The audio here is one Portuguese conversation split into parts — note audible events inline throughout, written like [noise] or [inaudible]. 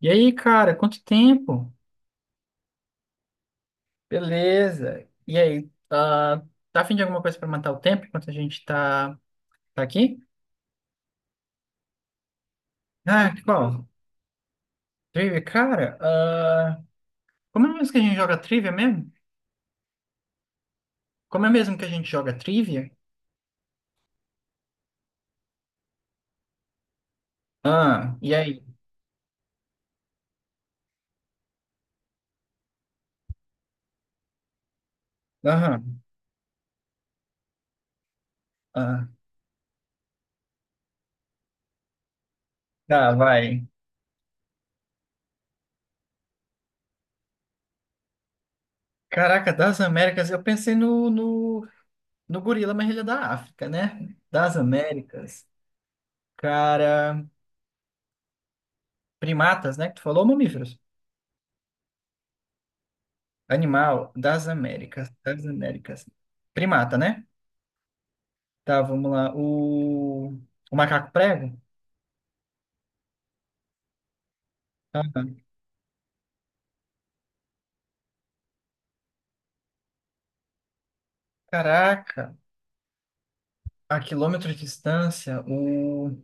E aí, cara, quanto tempo? Beleza. E aí, tá a fim de alguma coisa pra matar o tempo enquanto a gente tá aqui? Ah, qual? Trivia, cara, como é mesmo que a gente joga trivia mesmo? Como é mesmo que a gente joga trivia? Ah, e aí? Aham, ah, tá, vai. Caraca, das Américas, eu pensei no, no gorila, mas ele é da África, né? Das Américas. Cara, primatas, né, que tu falou, mamíferos? Animal das Américas. Das Américas. Primata, né? Tá, vamos lá. O macaco prego? Ah, caraca, a quilômetros de distância, o.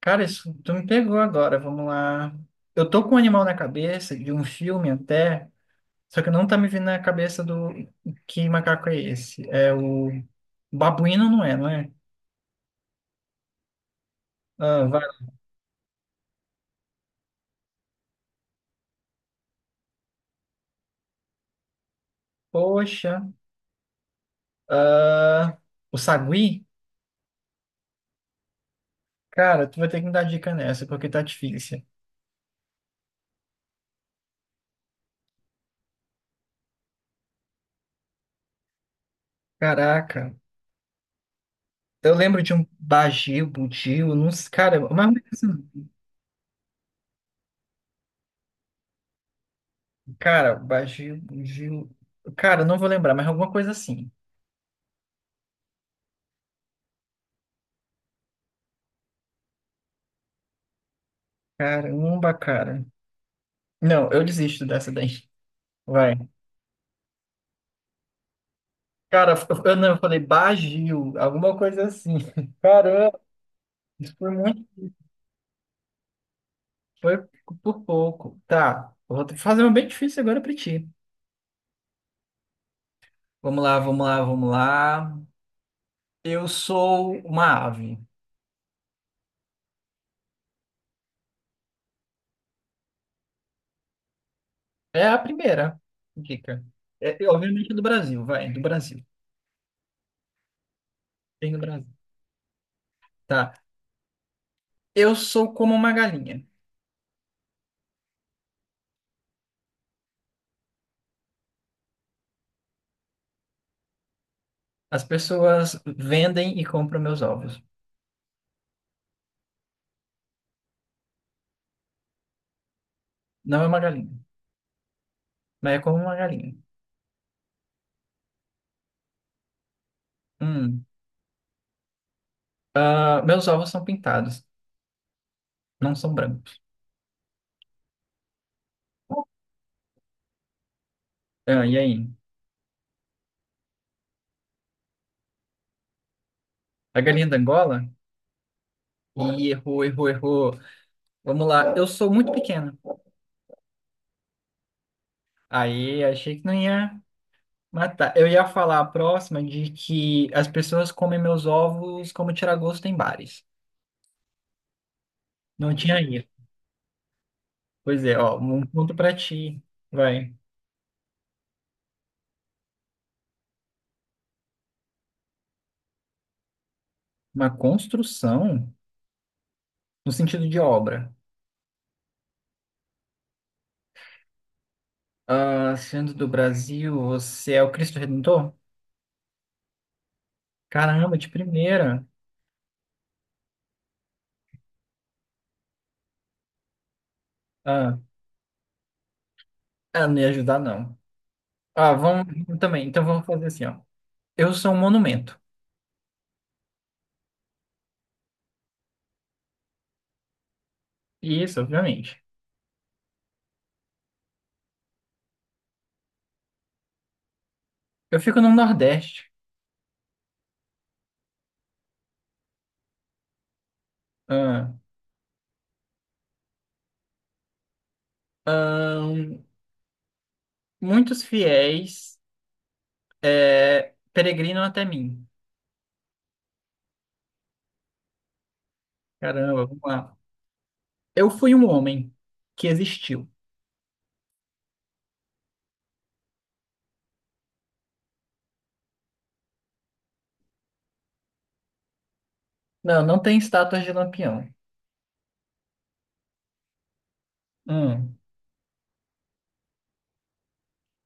Cara, isso tu me pegou agora, vamos lá. Eu tô com um animal na cabeça, de um filme até, só que não tá me vindo na cabeça do. Que macaco é esse? É o. Babuíno não é, não é? Ah, vai. Poxa. Ah, o sagui? Cara, tu vai ter que me dar dica nessa, porque tá difícil. Caraca. Eu lembro de um Bagio, Budio, não sei, cara, mas, assim, cara, Bagio, Budio, cara, eu não vou lembrar, mas alguma coisa assim. Caramba, cara. Não, eu desisto dessa daí. Vai. Cara, eu não, eu falei Bagio, alguma coisa assim. [laughs] Caramba, isso foi muito, foi por pouco. Tá, eu vou fazer uma bem difícil agora pra ti. Vamos lá, vamos lá, vamos lá. Eu sou uma ave. É a primeira dica. É, obviamente do Brasil, vai, do Brasil. Tem do Brasil. Tá. Eu sou como uma galinha. As pessoas vendem e compram meus ovos. Não é uma galinha, mas é como uma galinha. Hum. Ah, meus ovos são pintados, não são brancos. Ah, e aí? A galinha da Angola? Ih, errou, errou, errou. Vamos lá. Eu sou muito pequena. Aí, achei que não ia matar. Eu ia falar a próxima de que as pessoas comem meus ovos como tiragosto em bares. Não tinha ainda. Pois é, ó, um ponto para ti. Vai. Uma construção no sentido de obra. Ah, sendo do Brasil, você é o Cristo Redentor? Caramba, de primeira. Ah, ah, não ia ajudar, não. Ah, vamos também. Então vamos fazer assim, ó. Eu sou um monumento. Isso, obviamente. Eu fico no Nordeste. Ah, ahn, muitos fiéis peregrinam até mim. Caramba, vamos lá. Eu fui um homem que existiu. Não, não tem estátuas de Lampião. Hum,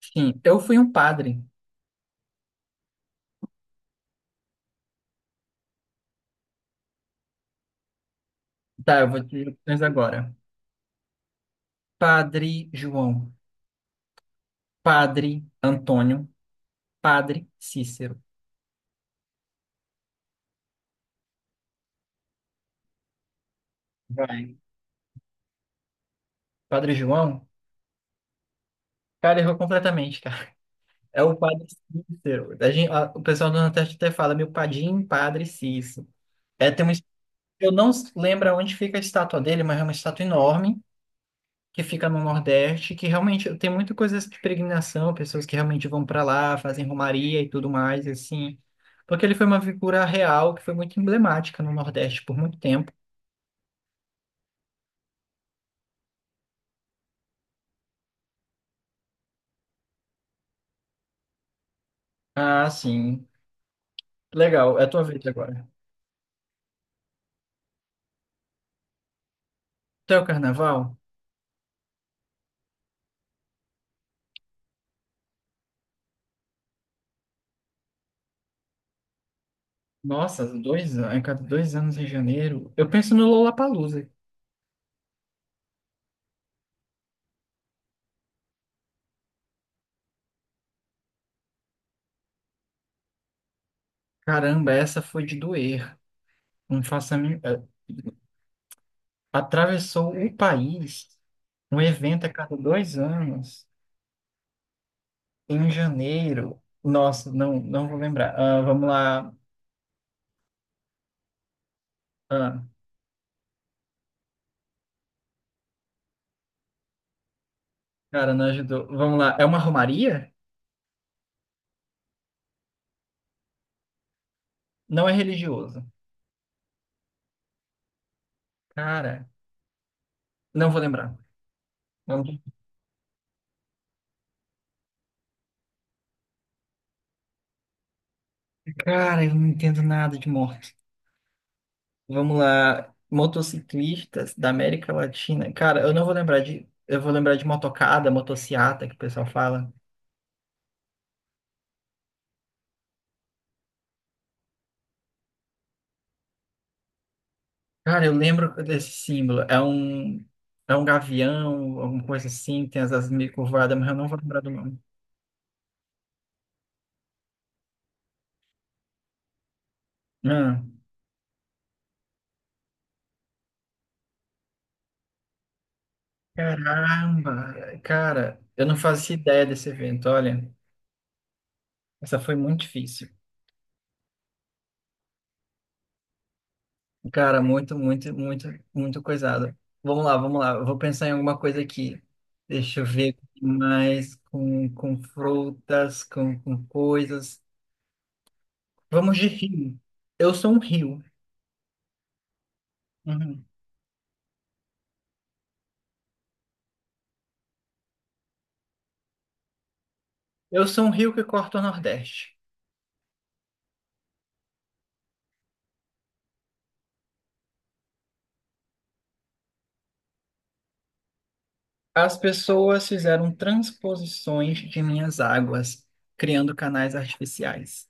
sim, eu fui um padre. Tá, eu vou te dizer opções agora. Padre João, Padre Antônio, Padre Cícero. Vai. Padre João? Cara, errou completamente, cara. É o Padre Cícero. A gente, a- o pessoal do Nordeste até fala, meu padim, Padre Cícero. É, tem um, eu não lembro onde fica a estátua dele, mas é uma estátua enorme. Que fica no Nordeste, que realmente tem muita coisa de peregrinação, pessoas que realmente vão para lá, fazem romaria e tudo mais, assim. Porque ele foi uma figura real que foi muito emblemática no Nordeste por muito tempo. Ah, sim. Legal, é a tua vez agora. Até o carnaval? Nossa, dois, an- a cada dois anos em janeiro. Eu penso no Lollapalooza. Caramba, essa foi de doer. Não faço a mim- atravessou o país. Um evento a cada dois anos. Em janeiro. Nossa, não vou lembrar. Ah, vamos lá. Ah, cara, não ajudou. Vamos lá. É uma romaria? Não é religioso. Cara, não vou lembrar. Vamos- Cara, eu não entendo nada de morte. Vamos lá. Motociclistas da América Latina. Cara, eu não vou lembrar de. Eu vou lembrar de motocada, motociata, que o pessoal fala. Cara, eu lembro desse símbolo. É um. É um gavião, alguma coisa assim, tem as asas meio curvadas, mas eu não vou lembrar do nome. Ah. Caramba, cara, eu não fazia ideia desse evento, olha, essa foi muito difícil. Cara, muito coisada. Vamos lá, eu vou pensar em alguma coisa aqui. Deixa eu ver mais com frutas, com coisas. Vamos de rio. Eu sou um rio. Uhum. Eu sou um rio que corta o Nordeste. As pessoas fizeram transposições de minhas águas, criando canais artificiais.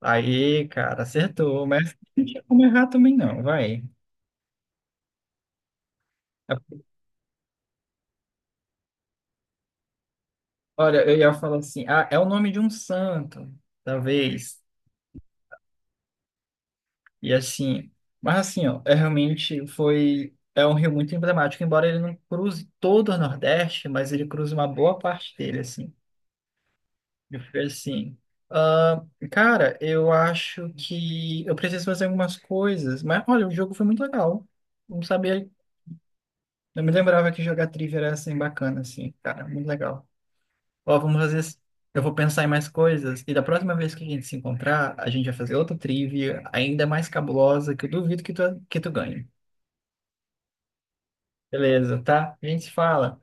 Aí, cara, acertou, mas não tinha como errar também não, vai. Olha, eu ia falar assim, ah, é o nome de um santo, talvez. E assim, mas assim, ó, é realmente foi, é um rio muito emblemático, embora ele não cruze todo o Nordeste, mas ele cruza uma boa parte dele, assim. Eu fiquei assim, ah, cara, eu acho que eu preciso fazer algumas coisas, mas olha, o jogo foi muito legal. Não sabia, não me lembrava que jogar trivia era assim bacana, assim, cara, muito legal. Ó, vamos fazer assim. Eu vou pensar em mais coisas. E da próxima vez que a gente se encontrar, a gente vai fazer outra trivia ainda mais cabulosa que eu duvido que tu ganhe. Beleza, tá? A gente se fala.